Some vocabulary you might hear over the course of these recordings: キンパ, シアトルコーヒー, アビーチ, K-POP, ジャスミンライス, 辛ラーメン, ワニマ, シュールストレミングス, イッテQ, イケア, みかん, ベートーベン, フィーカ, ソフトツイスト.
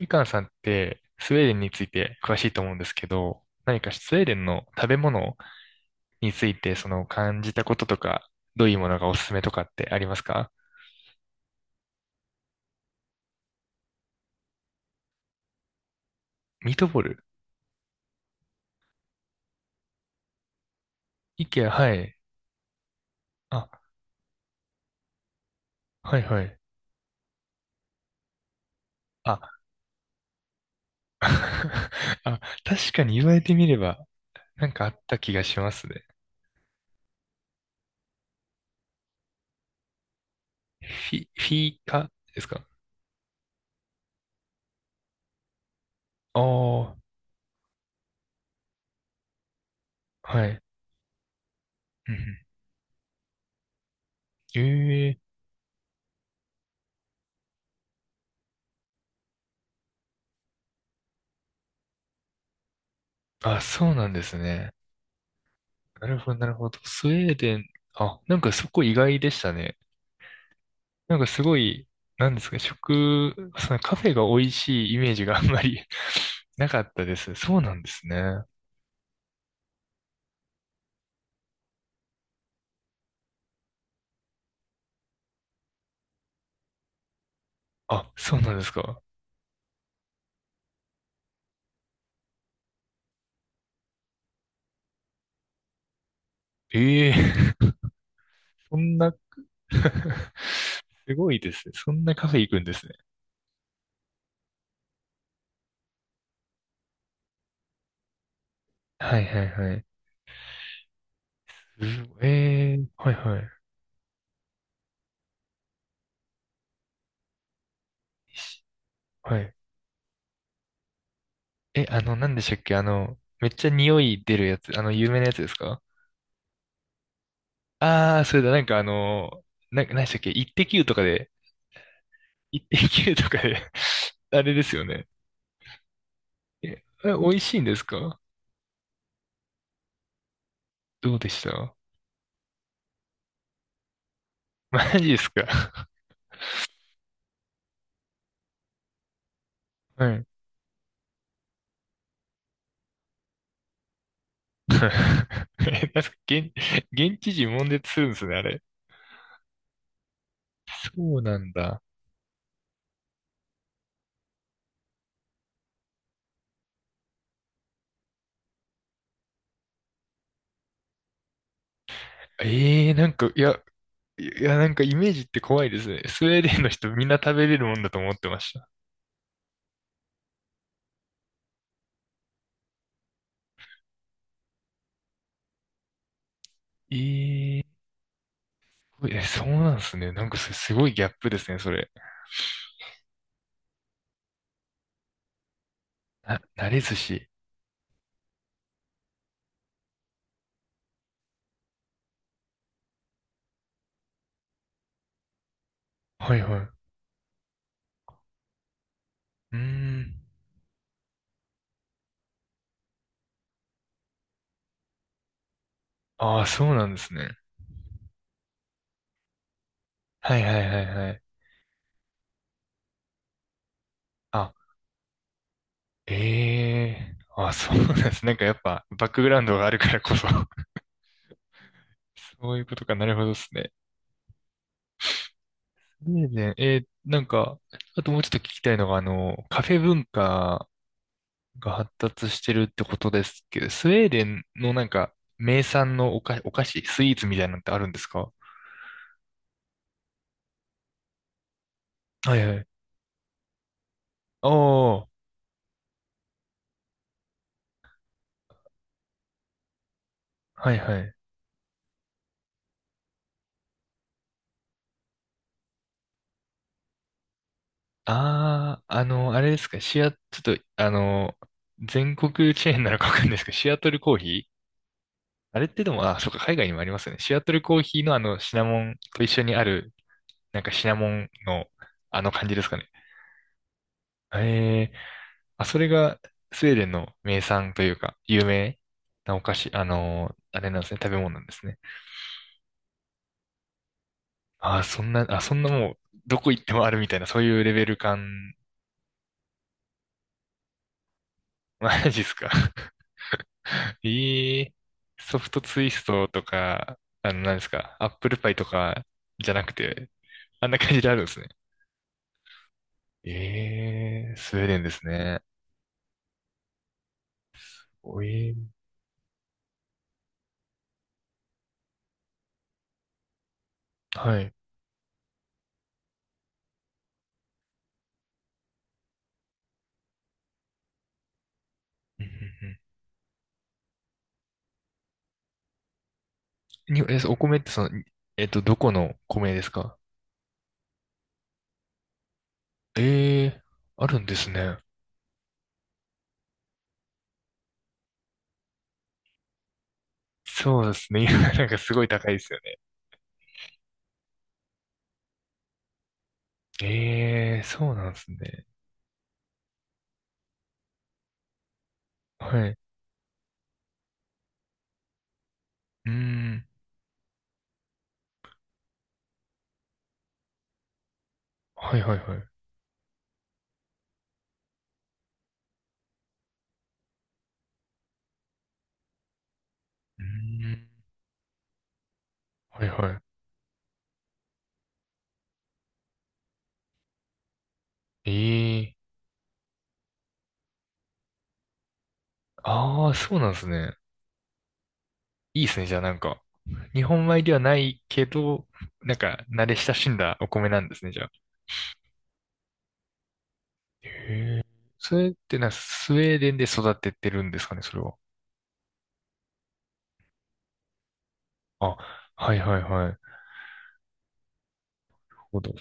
みかんさんってスウェーデンについて詳しいと思うんですけど、何かスウェーデンの食べ物についてその感じたこととか、どういうものがおすすめとかってありますか？ミートボール。イケア、はい。あ、はいはい。あ、あ、確かに言われてみれば、なんかあった気がしますね。フフィーカですか？ああー、はい。うんうん、ええ、あ、そうなんですね。なるほど、なるほど。スウェーデン、あ、なんかそこ意外でしたね。なんかすごい、なんですか、そのカフェが美味しいイメージがあんまり なかったです。そうなんですね。あ、そうなんですか。ええ そんな すごいですね。そんなカフェ行くんですね。はいはいはい。すごええー、はいはい。しはい。え、なんでしたっけめっちゃ匂い出るやつ、有名なやつですか？ああー、それだ、なんかなんでしたっけイッテ Q とかで、イッテ Q とかで あれですよね。え、え美味しいんですか？どうでした？マジですか？ はい。え、なんか現地人もんでするんですね、あれ。そうなんだ。ええー、なんか、いや、いや、なんかイメージって怖いですね。スウェーデンの人みんな食べれるもんだと思ってました。えええ、そうなんですね。なんかすごいギャップですね、それ。慣れ寿司。はいはい。うーん。ああ、そうなんですね。はいはいはいはい。あ、ええー、あ、そうなんです。なんかやっぱバックグラウンドがあるからこそ。 そういうことか。なるほどですね。スウェーデン、なんか、あともうちょっと聞きたいのが、カフェ文化が発達してるってことですけど、スウェーデンのなんか、名産のお菓子、スイーツみたいなのってあるんですか？はいはい。おー、はいはい。あー、あれですか、ちょっと、全国チェーンなのかわかんないですけど、シアトルコーヒー。あれってでも、あ、そうか、海外にもありますよね。シアトルコーヒーのあのシナモンと一緒にある、なんかシナモンのあの感じですかね。ええ、あ、それがスウェーデンの名産というか、有名なお菓子、あれなんですね、食べ物なんですね。あ、そんな、あ、そんなもう、どこ行ってもあるみたいな、そういうレベル感、マジっすか。ええ、ソフトツイストとか、何ですか、アップルパイとかじゃなくて、あんな感じであるんですね。ええ、スウェーデンですね。おえー、はい。うんうん、うんに、え、お米ってその、どこの米ですか？ええー、あるんですね。そうですね。今なんかすごい高いですよね。ええー、そうなんですね。はい。うーん。はいはいはい。うーん。はいはい。ええー、ああ、そうなんですね。いいですね。じゃあなんか、日本米ではないけど、なんか、慣れ親しんだお米なんですね、じゃあ。へえ、それってスウェーデンで育ててるんですかね、それは。あ、はいはいはい。なるほど。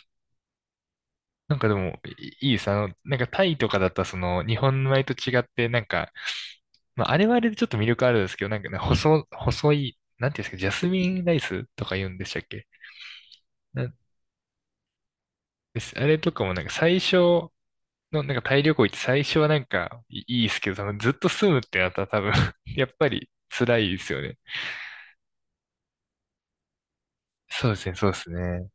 なんかでも、いいいさ、なんかタイとかだったらその、日本米と違って、なんか、まあ、あれはあれでちょっと魅力あるんですけど、なんかね、細い、なんていうんですか、ジャスミンライスとか言うんでしたっけ？なんです。あれとかもなんか最初の、なんかタイ旅行行って最初はなんかいいいですけど、そのずっと住むってなったら多分 やっぱり辛いですよね。そうですね、そうですね。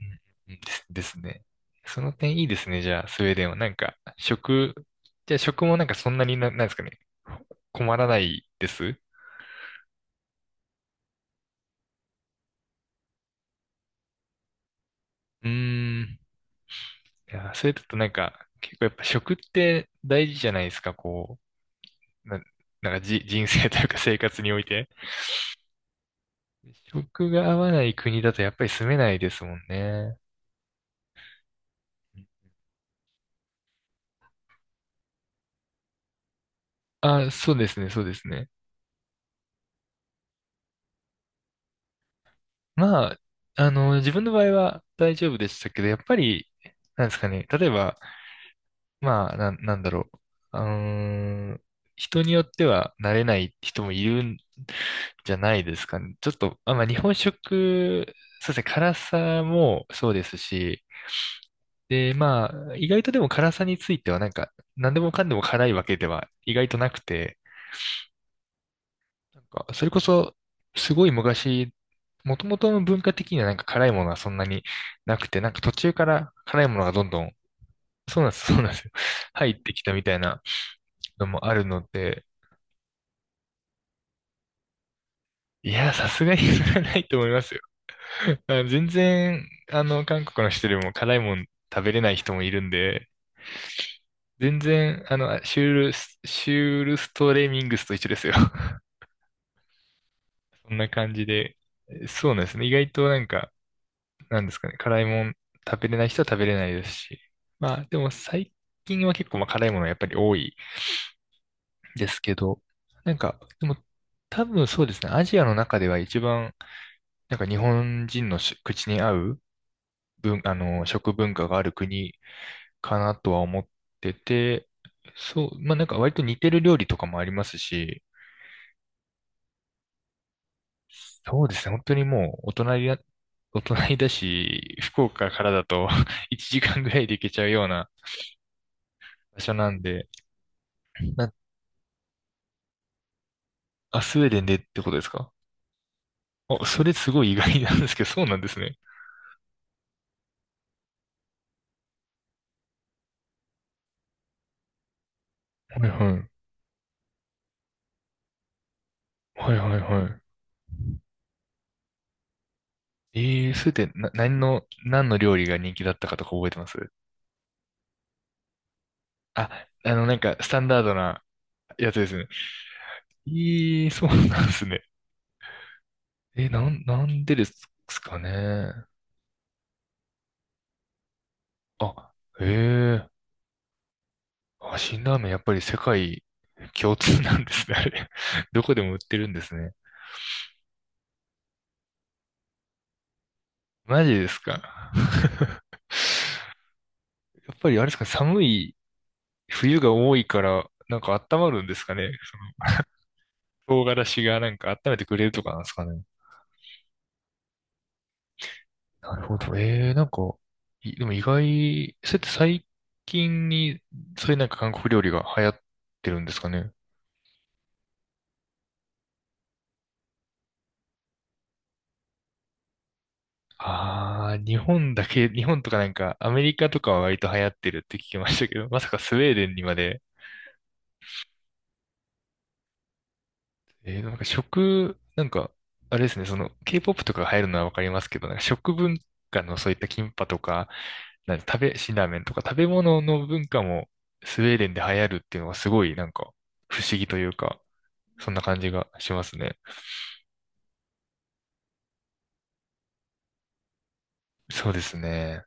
うんうん、です ですね。その点いいですね。じゃあ、スウェーデンは。なんか、じゃあ食もなんかそんなになんですかね。困らないです。うーん。いや、それだとなんか、結構やっぱ食って大事じゃないですか。こう、なんか人生というか生活において。食が合わない国だとやっぱり住めないですもんね。あ、そうですね、そうですね。まあ、自分の場合は大丈夫でしたけど、やっぱり、なんですかね、例えば、まあ、なんだろう。うーん、人によっては慣れない人もいるんじゃないですかね。ちょっと、あ、まあ、日本食、そうですね、辛さもそうですし、で、まあ、意外とでも辛さについてはなんか、何でもかんでも辛いわけでは意外となくて、なんか、それこそ、すごい昔、もともとの文化的にはなんか辛いものはそんなになくて、なんか途中から辛いものがどんどん、そうなんです、そうなんですよ。入ってきたみたいなのもあるので、いや、さすがにそれはないと思いますよ。あ、全然、韓国の人でも辛いもん食べれない人もいるんで、全然、シュールストレミングスと一緒ですよ。そんな感じで。そうなんですね。意外となんか、なんですかね。辛いもん食べれない人は食べれないですし。まあ、でも最近は結構まあ辛いものはやっぱり多いですけど、なんか、でも多分そうですね。アジアの中では一番、なんか日本人の口に合う文、あの、食文化がある国かなとは思ってて、そう、まあなんか割と似てる料理とかもありますし、そうですね、本当にもうお隣だし、福岡からだと 1時間ぐらいで行けちゃうような場所なんで、な、スウェーデンでってことですか？あ、それすごい意外なんですけど、そうなんですね。はいはい。はいはいはい。スウェーデン、何の料理が人気だったかとか覚えてます？あ、なんか、スタンダードなやつですね。ええ、そうなんですね。え、なんでですかね。あ、ええ、あ、辛ラーメンやっぱり世界共通なんですね、あれ。どこでも売ってるんですね。マジですか。やっぱりあれですかね、寒い冬が多いから、なんか温まるんですかね。その唐辛子がなんか温めてくれるとかなんですかね。なるほど。ええ、なんか、でも意外、そうやって最近に、そういうなんか韓国料理が流行ってるんですかね。ああ、日本とかなんか、アメリカとかは割と流行ってるって聞きましたけど、まさかスウェーデンにまで、なんかなんか、あれですね、その、K-POP とかが入るのはわかりますけど、なんか食文化のそういったキンパとか、なん食べ、辛ラーメンとか食べ物の文化もスウェーデンで流行るっていうのがすごいなんか不思議というか、そんな感じがしますね。そうですね。